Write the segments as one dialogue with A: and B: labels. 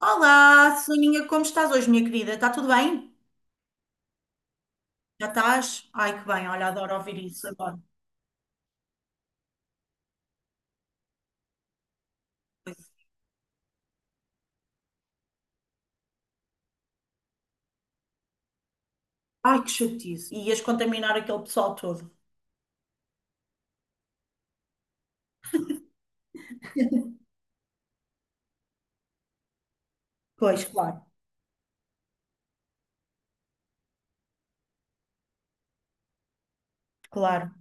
A: Olá, Soninha, como estás hoje, minha querida? Está tudo bem? Já estás? Ai, que bem, olha, adoro ouvir isso agora. Pois. Ai, que chatice. E ias contaminar aquele pessoal todo. Pois, claro, claro.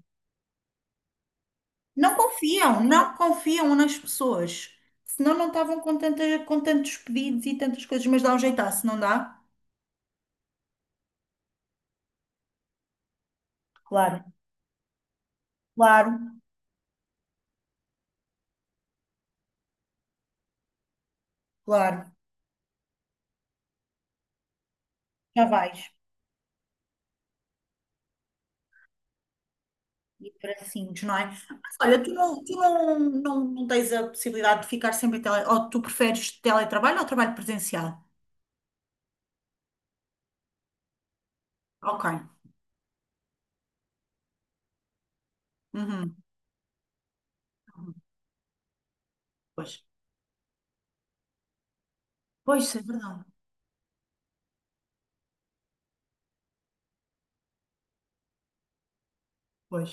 A: Não confiam, nas pessoas. Senão não estavam com, tanta, com tantos pedidos e tantas coisas, mas dá um jeitar, se não dá? Claro, claro, claro. Já vais. E tracinhos, não é? Mas olha, tu não tens a possibilidade de ficar sempre em Ou tu preferes teletrabalho ou trabalho presencial? Ok. Uhum. Uhum. Pois. Pois, isso é verdade. Pois.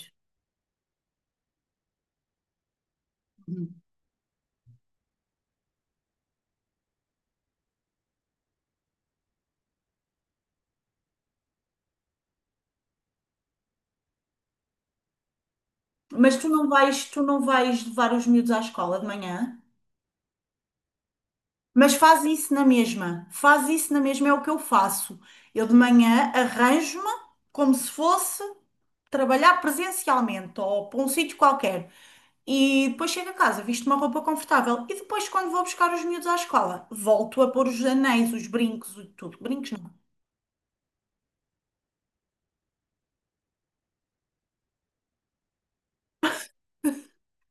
A: Uhum. Mas tu não vais levar os miúdos à escola de manhã? Mas faz isso na mesma. Faz isso na mesma, é o que eu faço. Eu de manhã arranjo-me como se fosse trabalhar presencialmente ou para um sítio qualquer. E depois chego a casa, visto uma roupa confortável. E depois, quando vou buscar os miúdos à escola, volto a pôr os anéis, os brincos, tudo. Brincos não.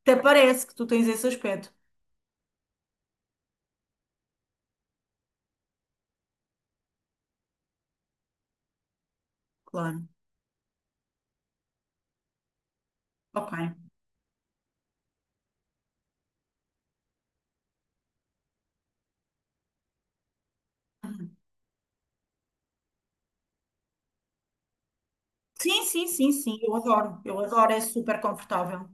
A: Até parece que tu tens esse aspecto. Claro. Ok. Uhum. Sim, sim, sim, sim, eu adoro, é super confortável.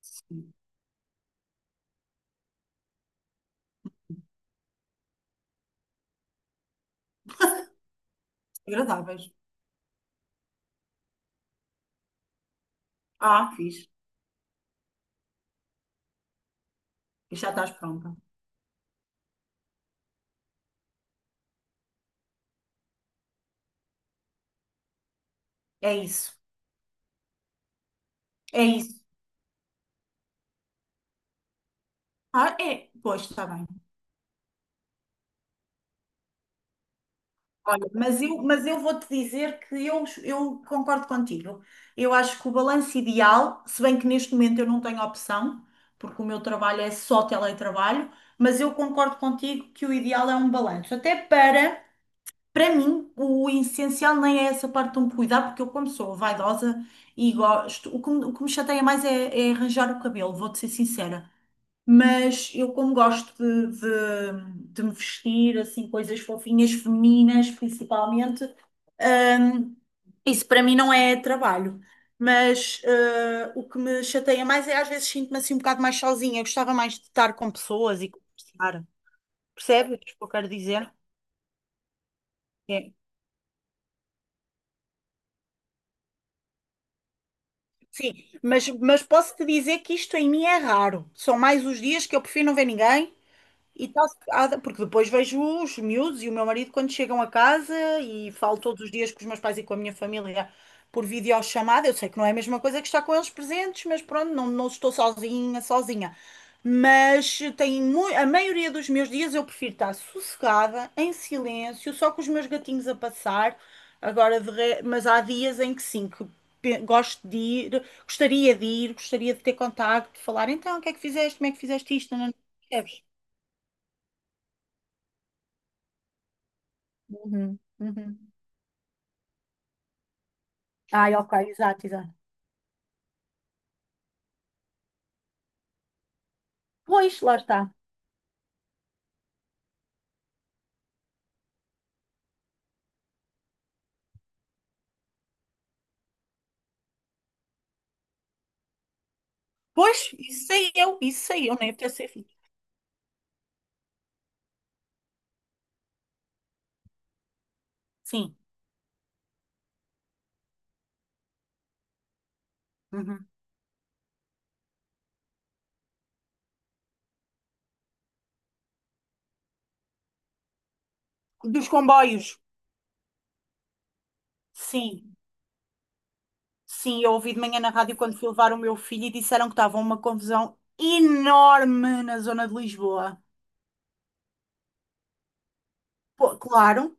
A: Sim, agradáveis. Ah, fiz. E já estás pronta. É isso, é isso. Ah, é, pois, está bem. Olha, mas eu vou-te dizer que eu concordo contigo. Eu acho que o balanço ideal, se bem que neste momento eu não tenho opção, porque o meu trabalho é só teletrabalho, mas eu concordo contigo que o ideal é um balanço. Até para. Para mim, o essencial nem é essa parte de me cuidar, porque eu, como sou vaidosa e gosto, o que me chateia mais é, é arranjar o cabelo, vou-te ser sincera. Mas eu, como gosto de me vestir, assim, coisas fofinhas, femininas, principalmente, hum, isso para mim não é trabalho. Mas o que me chateia mais é às vezes sinto-me assim um bocado mais sozinha. Eu gostava mais de estar com pessoas e conversar. Percebes o que eu quero dizer? Sim, mas posso te dizer que isto em mim é raro. São mais os dias que eu prefiro não ver ninguém e tá, porque depois vejo os miúdos e o meu marido quando chegam a casa e falo todos os dias com os meus pais e com a minha família por videochamada. Eu sei que não é a mesma coisa que estar com eles presentes, mas pronto, não, não estou sozinha, sozinha. Mas a maioria dos meus dias eu prefiro estar sossegada, em silêncio, só com os meus gatinhos a passar. Agora, mas há dias em que sim, que gosto de ir, gostaria de ir, gostaria de ter contacto, de falar, então, o que é que fizeste, como é que fizeste isto? Não, não, não, uhum, uhum. Ai, ok, exato, exato. Pois, lá está. Pois, isso sei eu, nem até ser filho. Sim. Uhum. Dos comboios. Sim, sim, eu ouvi de manhã na rádio quando fui levar o meu filho e disseram que estava uma confusão enorme na zona de Lisboa. Pô, claro,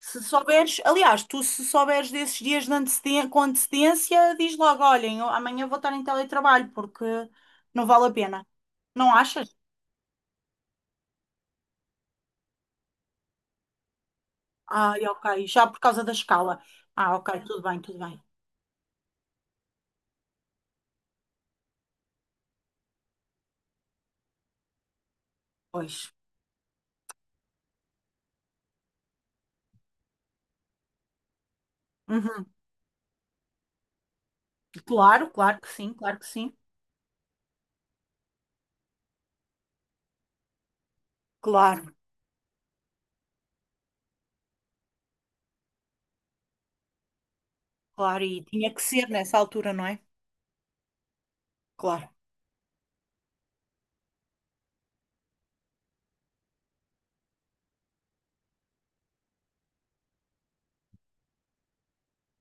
A: se souberes, aliás, tu se souberes desses dias de antecedência, com antecedência, diz logo, olhem, eu amanhã vou estar em teletrabalho porque não vale a pena. Não achas? Ai, ok. Já por causa da escala. Ah, ok, tudo bem, tudo bem. Pois. Uhum. Claro, claro que sim, claro que sim. Claro, claro. E tinha que ser nessa altura, não é? Claro.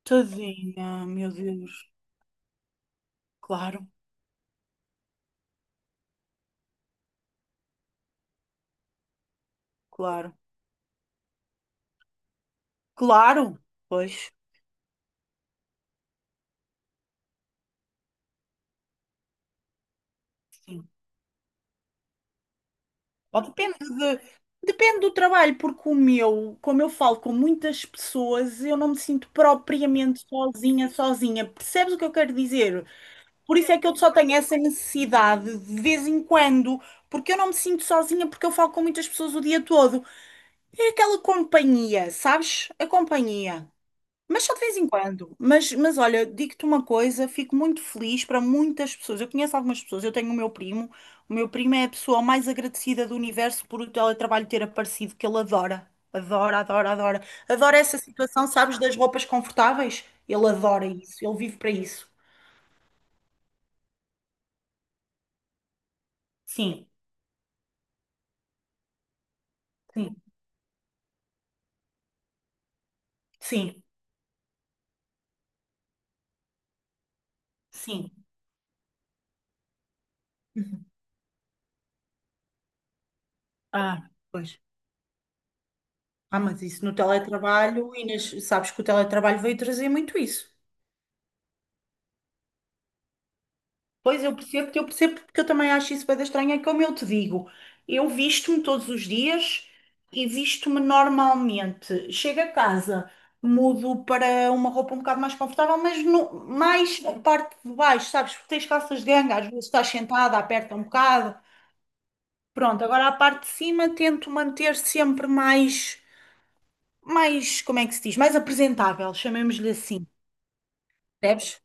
A: Tadinha, meu Deus. Claro, claro. Claro, pois. Sim. Ou depende do trabalho, porque o meu, como eu falo com muitas pessoas, eu não me sinto propriamente sozinha, sozinha. Percebes o que eu quero dizer? Por isso é que eu só tenho essa necessidade de vez em quando, porque eu não me sinto sozinha, porque eu falo com muitas pessoas o dia todo. É aquela companhia, sabes? A companhia. Mas só de vez em quando. Mas olha, digo-te uma coisa, fico muito feliz para muitas pessoas. Eu conheço algumas pessoas, eu tenho o meu primo. O meu primo é a pessoa mais agradecida do universo por o teletrabalho ter aparecido, que ele adora. Adora, adora, adora. Adora essa situação, sabes, das roupas confortáveis. Ele adora isso, ele vive para isso. Sim, sim, sim. Sim. Uhum. Ah, pois. Ah, mas isso no teletrabalho, Inês, sabes que o teletrabalho veio trazer muito isso. Pois eu percebo porque eu também acho isso bem estranho, é como eu te digo, eu visto-me todos os dias e visto-me normalmente. Chego a casa, mudo para uma roupa um bocado mais confortável, mas no, mais a parte de baixo, sabes? Porque tens calças de ganga, às vezes estás sentada, aperta um bocado. Pronto, agora a parte de cima tento manter sempre mais, como é que se diz? Mais apresentável, chamemos-lhe assim. Percebes?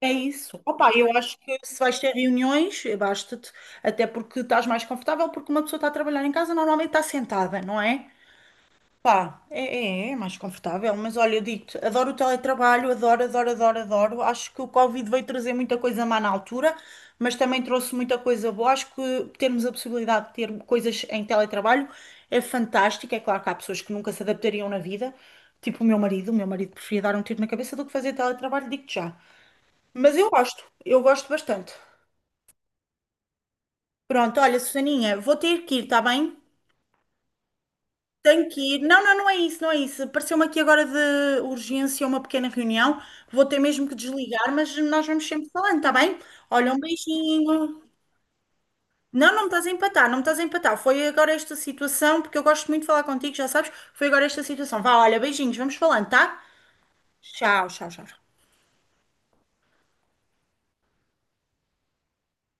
A: É isso. Opa, eu acho que se vais ter reuniões, basta-te, até porque estás mais confortável, porque uma pessoa está a trabalhar em casa, normalmente está sentada, não é? Pá, é mais confortável, mas olha, eu digo-te, adoro o teletrabalho, adoro, adoro, adoro, adoro. Acho que o Covid veio trazer muita coisa má na altura, mas também trouxe muita coisa boa. Acho que termos a possibilidade de ter coisas em teletrabalho é fantástico. É claro que há pessoas que nunca se adaptariam na vida, tipo o meu marido. O meu marido preferia dar um tiro na cabeça do que fazer teletrabalho, digo-te já. Mas eu gosto bastante. Pronto, olha, Susaninha, vou ter que ir, está bem? Tenho que ir. Não, não é isso, não é isso. Pareceu-me aqui agora de urgência uma pequena reunião. Vou ter mesmo que desligar, mas nós vamos sempre falando, está bem? Olha, um beijinho. Não, não me estás a empatar, não me estás a empatar. Foi agora esta situação, porque eu gosto muito de falar contigo, já sabes. Foi agora esta situação. Vá, olha, beijinhos, vamos falando, tá? Tchau, tchau, tchau.